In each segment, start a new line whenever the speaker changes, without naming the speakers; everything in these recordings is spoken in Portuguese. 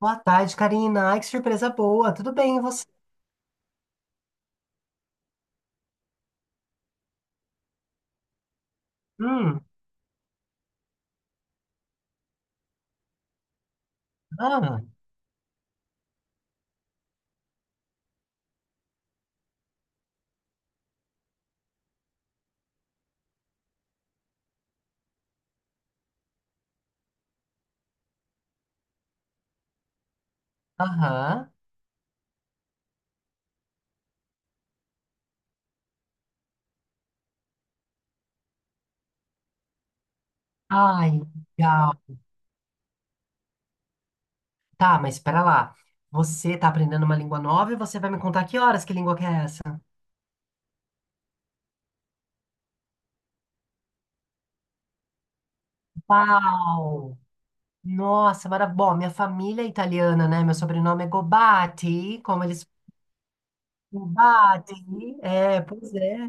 Boa tarde, Karina. Ai, que surpresa boa. Tudo bem, e você? Hum, ah, aham. Ai, legal. Tá, mas espera lá. Você tá aprendendo uma língua nova e você vai me contar que horas que língua que é essa? Uau! Nossa, maravilha. Bom, minha família é italiana, né? Meu sobrenome é Gobatti, como eles. Gobatti. É, pois é.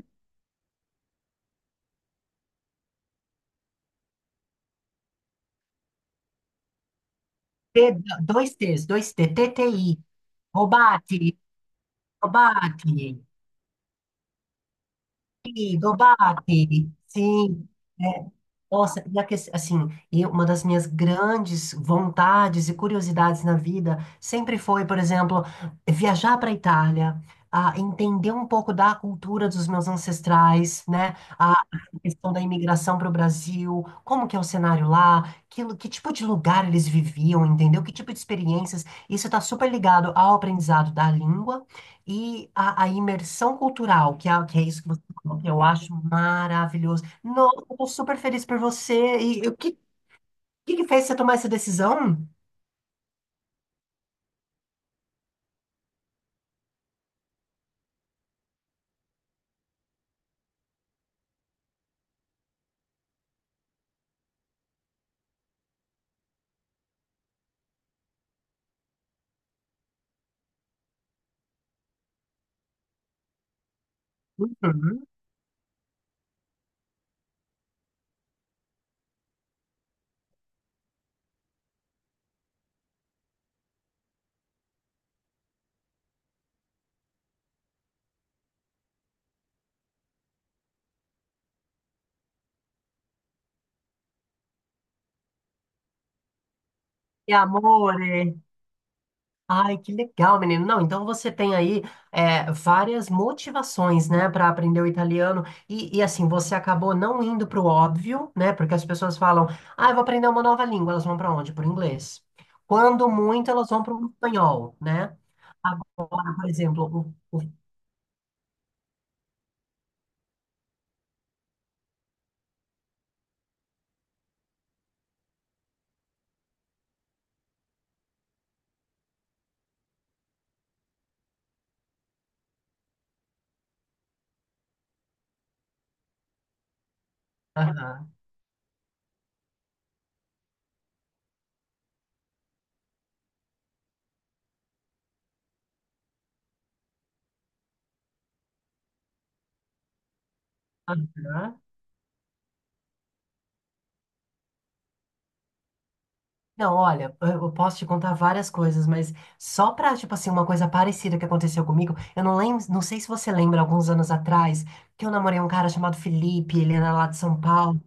T- dois T's, dois T, T T I. Gobatti, Gobatti. Ih, Gobatti. Sim. é, Nossa, e assim, e uma das minhas grandes vontades e curiosidades na vida sempre foi, por exemplo, viajar para a Itália, a entender um pouco da cultura dos meus ancestrais, né? A questão da imigração para o Brasil, como que é o cenário lá, que, que tipo de lugar eles viviam, entendeu? Que tipo de experiências. Isso está super ligado ao aprendizado da língua e à imersão cultural, que é isso que você falou, que eu acho maravilhoso. Nossa, eu tô super feliz por você. E que fez você tomar essa decisão? Uhum. E amor, é. Ai, que legal, menino. Não, então você tem aí várias motivações, né, para aprender o italiano. E, assim, você acabou não indo para o óbvio, né? Porque as pessoas falam, ah, eu vou aprender uma nova língua. Elas vão para onde? Para o inglês. Quando muito, elas vão para o espanhol, né? Agora, por exemplo, aham, aham. Não, olha, eu posso te contar várias coisas, mas só pra, tipo assim, uma coisa parecida que aconteceu comigo, eu não lembro, não sei se você lembra, alguns anos atrás, que eu namorei um cara chamado Felipe, ele era lá de São Paulo.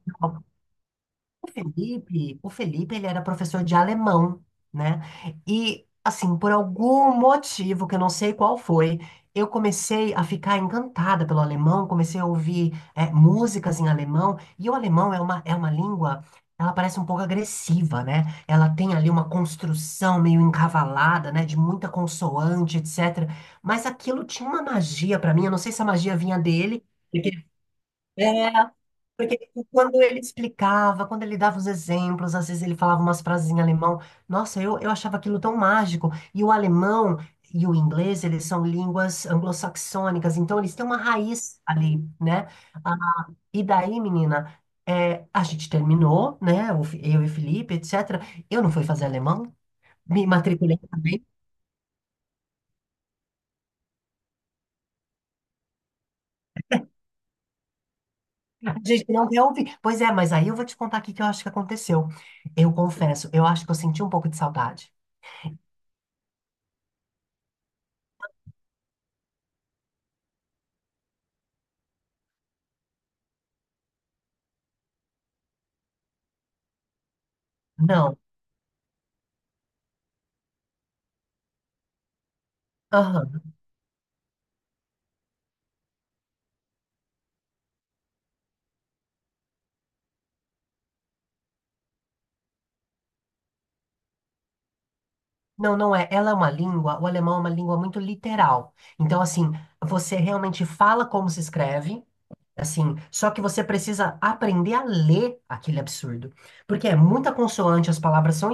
O Felipe, ele era professor de alemão, né? E, assim, por algum motivo, que eu não sei qual foi, eu comecei a ficar encantada pelo alemão, comecei a ouvir, músicas em alemão, e o alemão é uma língua, ela parece um pouco agressiva, né? Ela tem ali uma construção meio encavalada, né? De muita consoante, etc. Mas aquilo tinha uma magia para mim, eu não sei se a magia vinha dele, porque... é, porque quando ele explicava, quando ele dava os exemplos, às vezes ele falava umas frases em alemão. Nossa, eu achava aquilo tão mágico. E o alemão e o inglês, eles são línguas anglo-saxônicas, então eles têm uma raiz ali, né? Ah, e daí, menina, a gente terminou, né? Eu e o Felipe, etc. Eu não fui fazer alemão, me matriculei também. A gente não quer ouvir. Pois é, mas aí eu vou te contar aqui o que eu acho que aconteceu. Eu confesso, eu acho que eu senti um pouco de saudade. Não. Aham. Não, não é. Ela é uma língua, o alemão é uma língua muito literal. Então, assim, você realmente fala como se escreve, assim, só que você precisa aprender a ler aquele absurdo. Porque é muita consoante, as palavras são,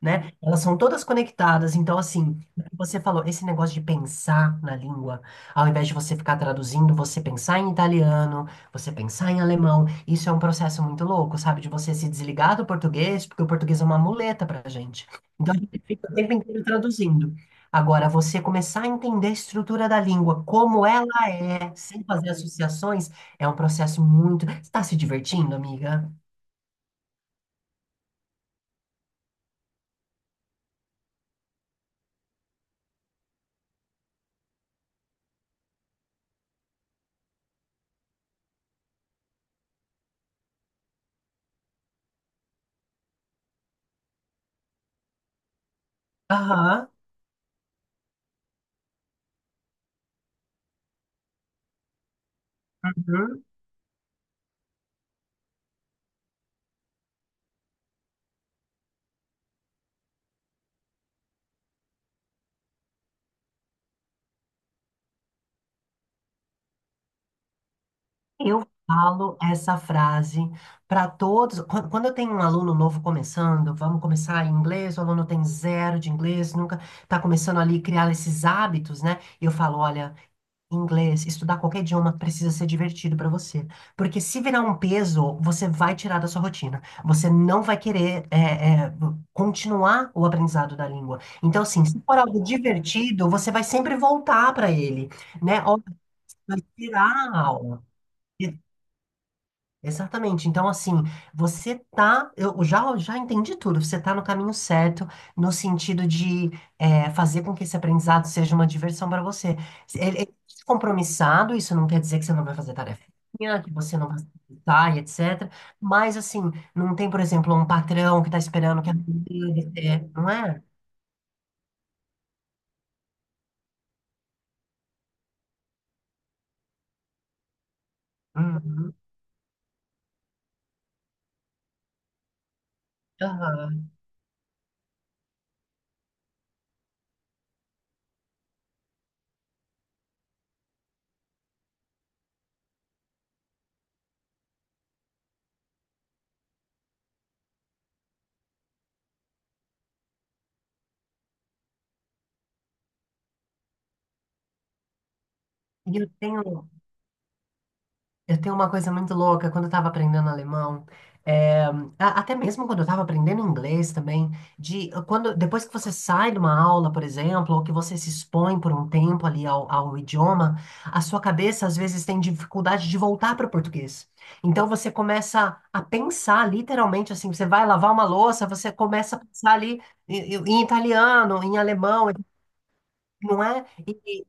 né? Elas são todas conectadas. Então, assim, o que você falou, esse negócio de pensar na língua, ao invés de você ficar traduzindo, você pensar em italiano, você pensar em alemão, isso é um processo muito louco, sabe? De você se desligar do português, porque o português é uma muleta pra gente. Então, a gente fica o tempo inteiro traduzindo. Agora, você começar a entender a estrutura da língua, como ela é, sem fazer associações, é um processo muito. Você está se divertindo, amiga? Aham. Uhum. Eu falo essa frase para todos. Quando eu tenho um aluno novo começando, vamos começar em inglês, o aluno tem zero de inglês, nunca está começando ali a criar esses hábitos, né? E eu falo, olha, inglês, estudar qualquer idioma precisa ser divertido para você, porque se virar um peso, você vai tirar da sua rotina. Você não vai querer continuar o aprendizado da língua. Então, assim, se for algo divertido, você vai sempre voltar para ele, né? Ó, vai tirar a aula. Exatamente. Então, assim, você tá. Eu já entendi tudo. Você tá no caminho certo, no sentido de fazer com que esse aprendizado seja uma diversão para você. Ele é compromissado, isso não quer dizer que você não vai fazer tarefinha, que você não vai se exercitar e etc. Mas, assim, não tem, por exemplo, um patrão que tá esperando que a não é? Uhum. Aham. E eu tenho. Eu tenho uma coisa muito louca quando eu estava aprendendo alemão, é, até mesmo quando eu estava aprendendo inglês também, quando depois que você sai de uma aula, por exemplo, ou que você se expõe por um tempo ali ao idioma, a sua cabeça às vezes tem dificuldade de voltar para o português. Então você começa a pensar literalmente assim, você vai lavar uma louça, você começa a pensar ali em italiano, em alemão, não é? E, e-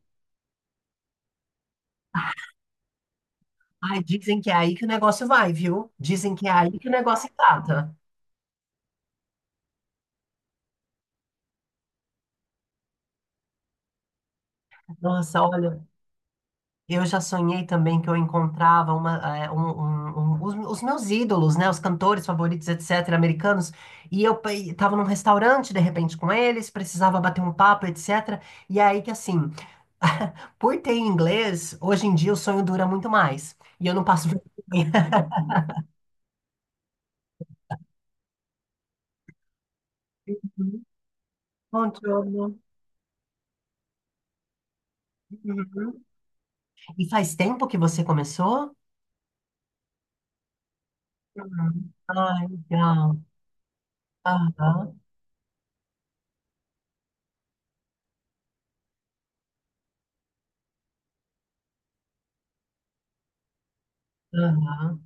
ai, dizem que é aí que o negócio vai, viu? Dizem que é aí que o negócio trata. Nossa, olha, eu já sonhei também que eu encontrava uma, é, um- um- um- os meus ídolos, né, os cantores favoritos, etc., americanos, e eu estava num restaurante, de repente, com eles, precisava bater um papo, etc., e aí que, assim, por ter em inglês, hoje em dia o sonho dura muito mais, e eu não passo vergonha. Buongiorno. Uhum. E faz tempo que você começou? Uhum. Ah, legal. Aham, aham.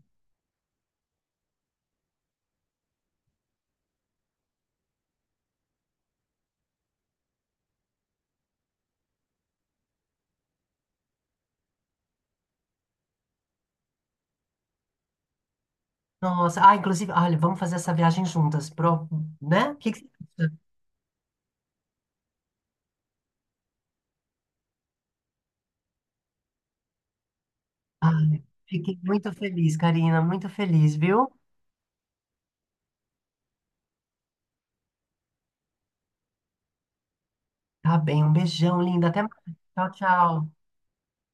Nossa, ah, inclusive, olha, vamos fazer essa viagem juntas, né? O que que você acha? Ai, fiquei muito feliz, Karina, muito feliz, viu? Tá bem, um beijão, linda. Até mais. Tchau, tchau.